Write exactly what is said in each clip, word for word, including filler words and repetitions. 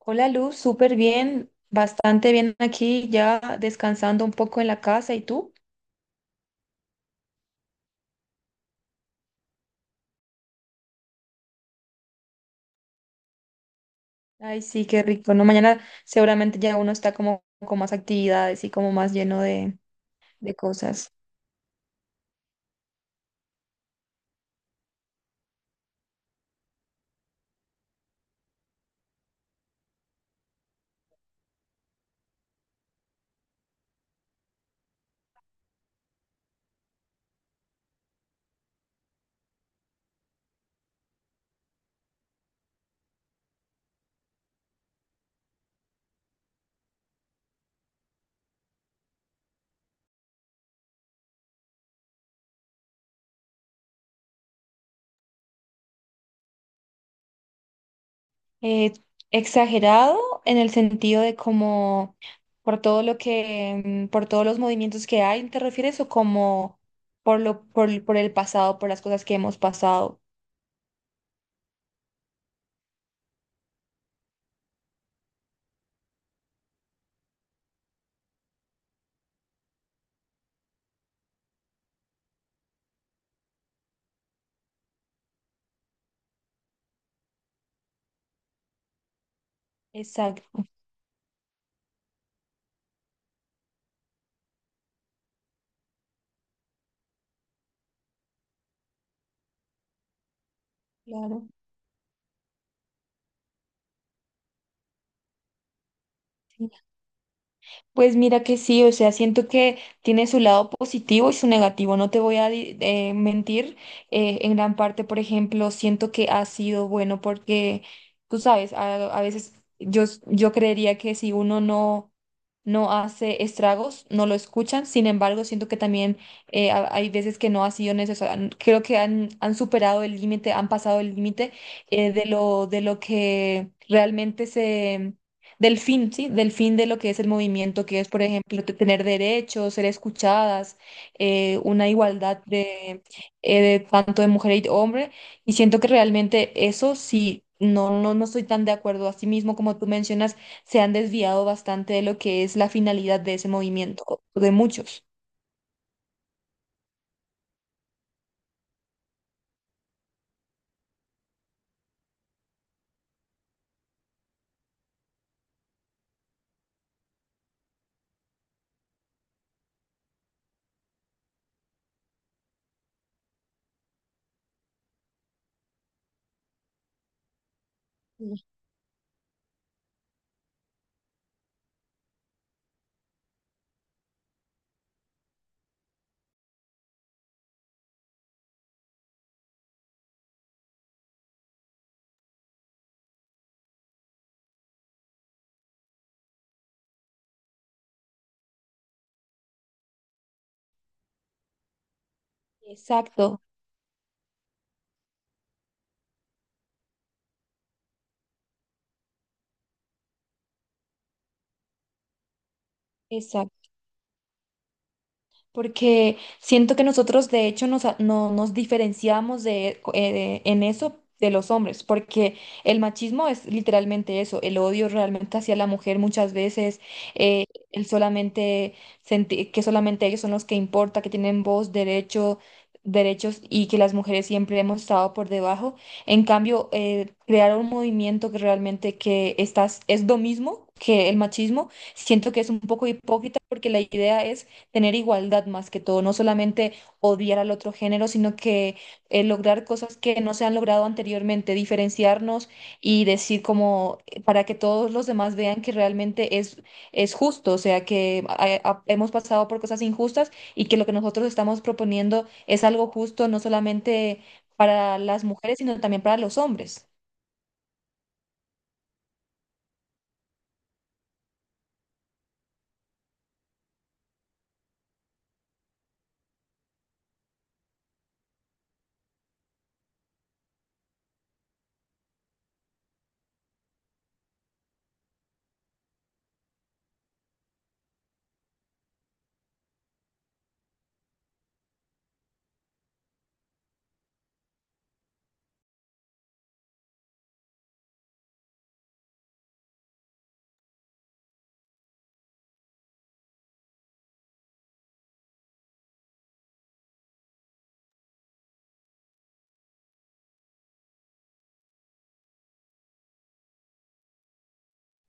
Hola Luz, súper bien, bastante bien aquí, ya descansando un poco en la casa. ¿Y tú? Ay, sí, qué rico, ¿no? Mañana seguramente ya uno está como con más actividades y como más lleno de, de cosas. Eh, exagerado en el sentido de como por todo lo que, mm, por todos los movimientos que hay, ¿te refieres? ¿O como por lo, por, por el pasado, por las cosas que hemos pasado? Exacto, claro. Sí. Pues mira que sí, o sea, siento que tiene su lado positivo y su negativo, no te voy a di- eh, mentir. Eh, en gran parte, por ejemplo, siento que ha sido bueno porque, tú sabes, a, a veces yo, s- yo creería que si uno no, no hace estragos, no lo escuchan. Sin embargo, siento que también eh, ha- hay veces que no ha sido necesario. Creo que han, han superado el límite, han pasado el límite eh, de lo, de lo que realmente del fin, ¿sí? Del fin de lo que es el movimiento, que es, por ejemplo, te- tener derechos, ser escuchadas, eh, una igualdad de, eh, de tanto de mujer y hombre. Y siento que realmente eso sí, no, no, no estoy tan de acuerdo. Asimismo, como tú mencionas, se han desviado bastante de lo que es la finalidad de ese movimiento, o de muchos. Sí. Exacto, exacto. Porque siento que nosotros de hecho nos, a- no, nos diferenciamos de, eh, de- en eso de los hombres, porque el machismo es literalmente eso, el odio realmente hacia la mujer muchas veces, eh, el solamente sentir que solamente ellos son los que importa, que tienen voz, derecho, derechos y que las mujeres siempre hemos estado por debajo. En cambio, eh, crear un movimiento que realmente que estás, es lo mismo que el machismo, siento que es un poco hipócrita porque la idea es tener igualdad más que todo, no solamente odiar al otro género, sino que eh, lograr cosas que no se han logrado anteriormente, diferenciarnos y decir como eh, para que todos los demás vean que realmente es, es justo, o sea, que a- a- hemos pasado por cosas injustas y que lo que nosotros estamos proponiendo es algo justo, no solamente para las mujeres, sino también para los hombres.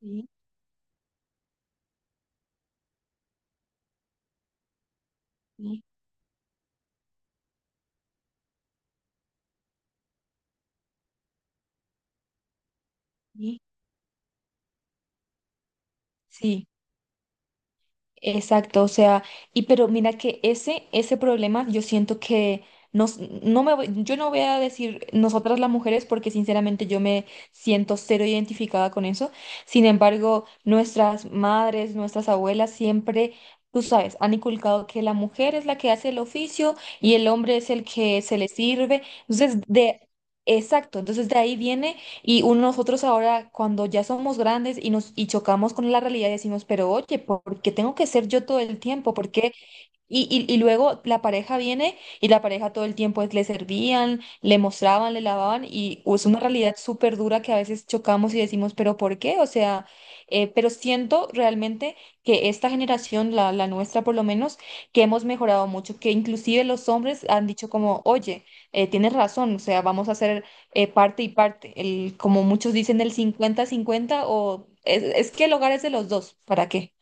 Sí, sí, sí. Sí. Exacto, o sea, y pero mira que ese, ese problema yo siento que nos, no me voy- yo no voy a decir nosotras las mujeres porque sinceramente yo me siento cero identificada con eso. Sin embargo, nuestras madres, nuestras abuelas siempre, tú sabes, han inculcado que la mujer es la que hace el oficio y el hombre es el que se le sirve. Entonces, de, exacto, entonces de ahí viene y uno, nosotros ahora, cuando ya somos grandes y nos y chocamos con la realidad, decimos, pero oye, ¿por qué tengo que ser yo todo el tiempo? ¿Por qué? Y, y, y luego la pareja viene y la pareja todo el tiempo es- le servían, le mostraban, le lavaban y es una realidad súper dura que a veces chocamos y decimos, pero ¿por qué? O sea, eh, pero siento realmente que esta generación, la, la nuestra por lo menos, que hemos mejorado mucho, que inclusive los hombres han dicho como, oye, eh, tienes razón, o sea, vamos a hacer eh, parte y parte. El, como muchos dicen, el cincuenta-cincuenta o es, es que el hogar es de los dos. ¿Para qué?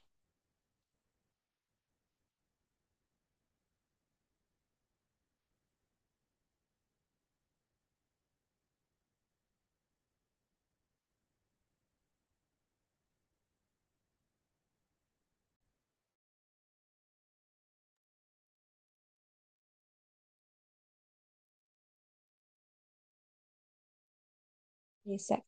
Exacto.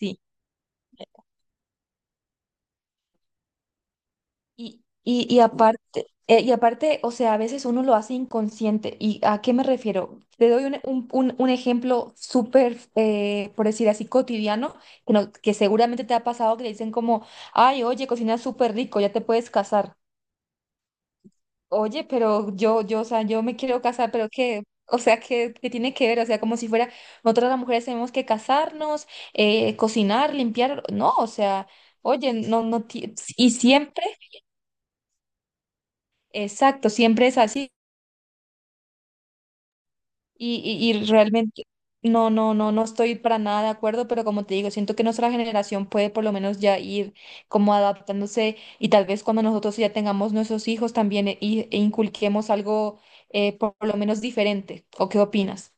Sí. Y, y, y aparte, eh, y aparte, o sea, a veces uno lo hace inconsciente. ¿Y a qué me refiero? Te doy un, un, un- un ejemplo súper, eh, por decir así, cotidiano, que, no- que seguramente te ha pasado que le dicen como, ay, oye, cocinas súper rico, ya te puedes casar. Oye, pero yo, yo, o sea, yo me quiero casar, pero ¿qué? O sea, ¿qué, qué tiene que ver? O sea, como si fuera, nosotras las mujeres tenemos que casarnos, eh, cocinar, limpiar. No, o sea, oye, no, no, ti- y siempre, exacto, siempre es así. Y, y, y realmente, no, no, no, no estoy para nada de acuerdo, pero como te digo, siento que nuestra generación puede por lo menos ya ir como adaptándose y tal vez cuando nosotros ya tengamos nuestros hijos también eh, y- e, inculquemos algo eh, por lo menos diferente. ¿O qué opinas?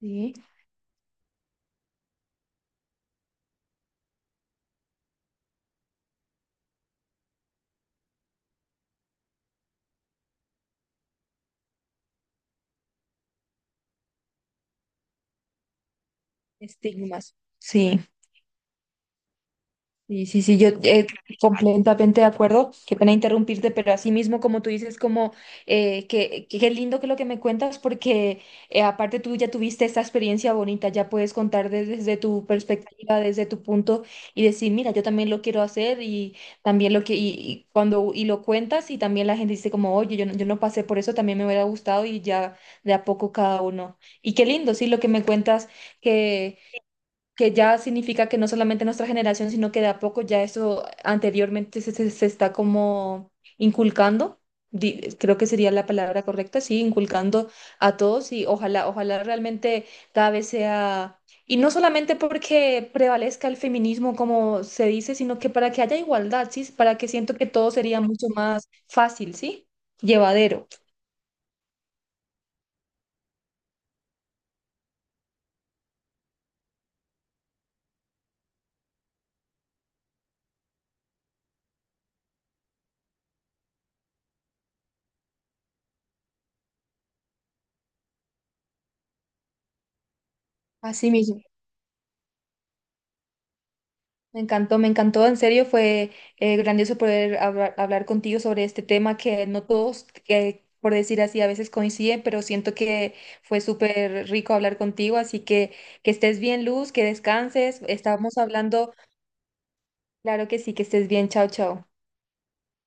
Sí, estigmas. Sí, sí, sí, sí, yo eh, completamente de acuerdo. Qué pena interrumpirte, pero así mismo, como tú dices, como eh, que, que- qué lindo que lo que me cuentas, porque eh, aparte tú ya tuviste esta experiencia bonita, ya puedes contar de- desde tu perspectiva, desde tu punto y decir, mira, yo también lo quiero hacer y también lo que y, y cuando y lo cuentas y también la gente dice como, oye, yo no, yo no pasé por eso, también me hubiera gustado y ya de a poco cada uno. Y qué lindo, sí, lo que me cuentas que que ya significa que no solamente nuestra generación, sino que de a poco ya eso anteriormente se, se- se está como inculcando, di- creo que sería la palabra correcta, sí, inculcando a todos y ojalá, ojalá realmente cada vez sea, y no solamente porque prevalezca el feminismo como se dice, sino que para que haya igualdad, sí, para que siento que todo sería mucho más fácil, sí, llevadero. Así mismo. Me encantó, me encantó, en serio fue eh, grandioso poder hablar, hablar contigo sobre este tema que no todos, que, por decir así, a veces coinciden, pero siento que fue súper rico hablar contigo, así que que estés bien, Luz, que descanses, estamos hablando, claro que sí, que estés bien, chao, chao.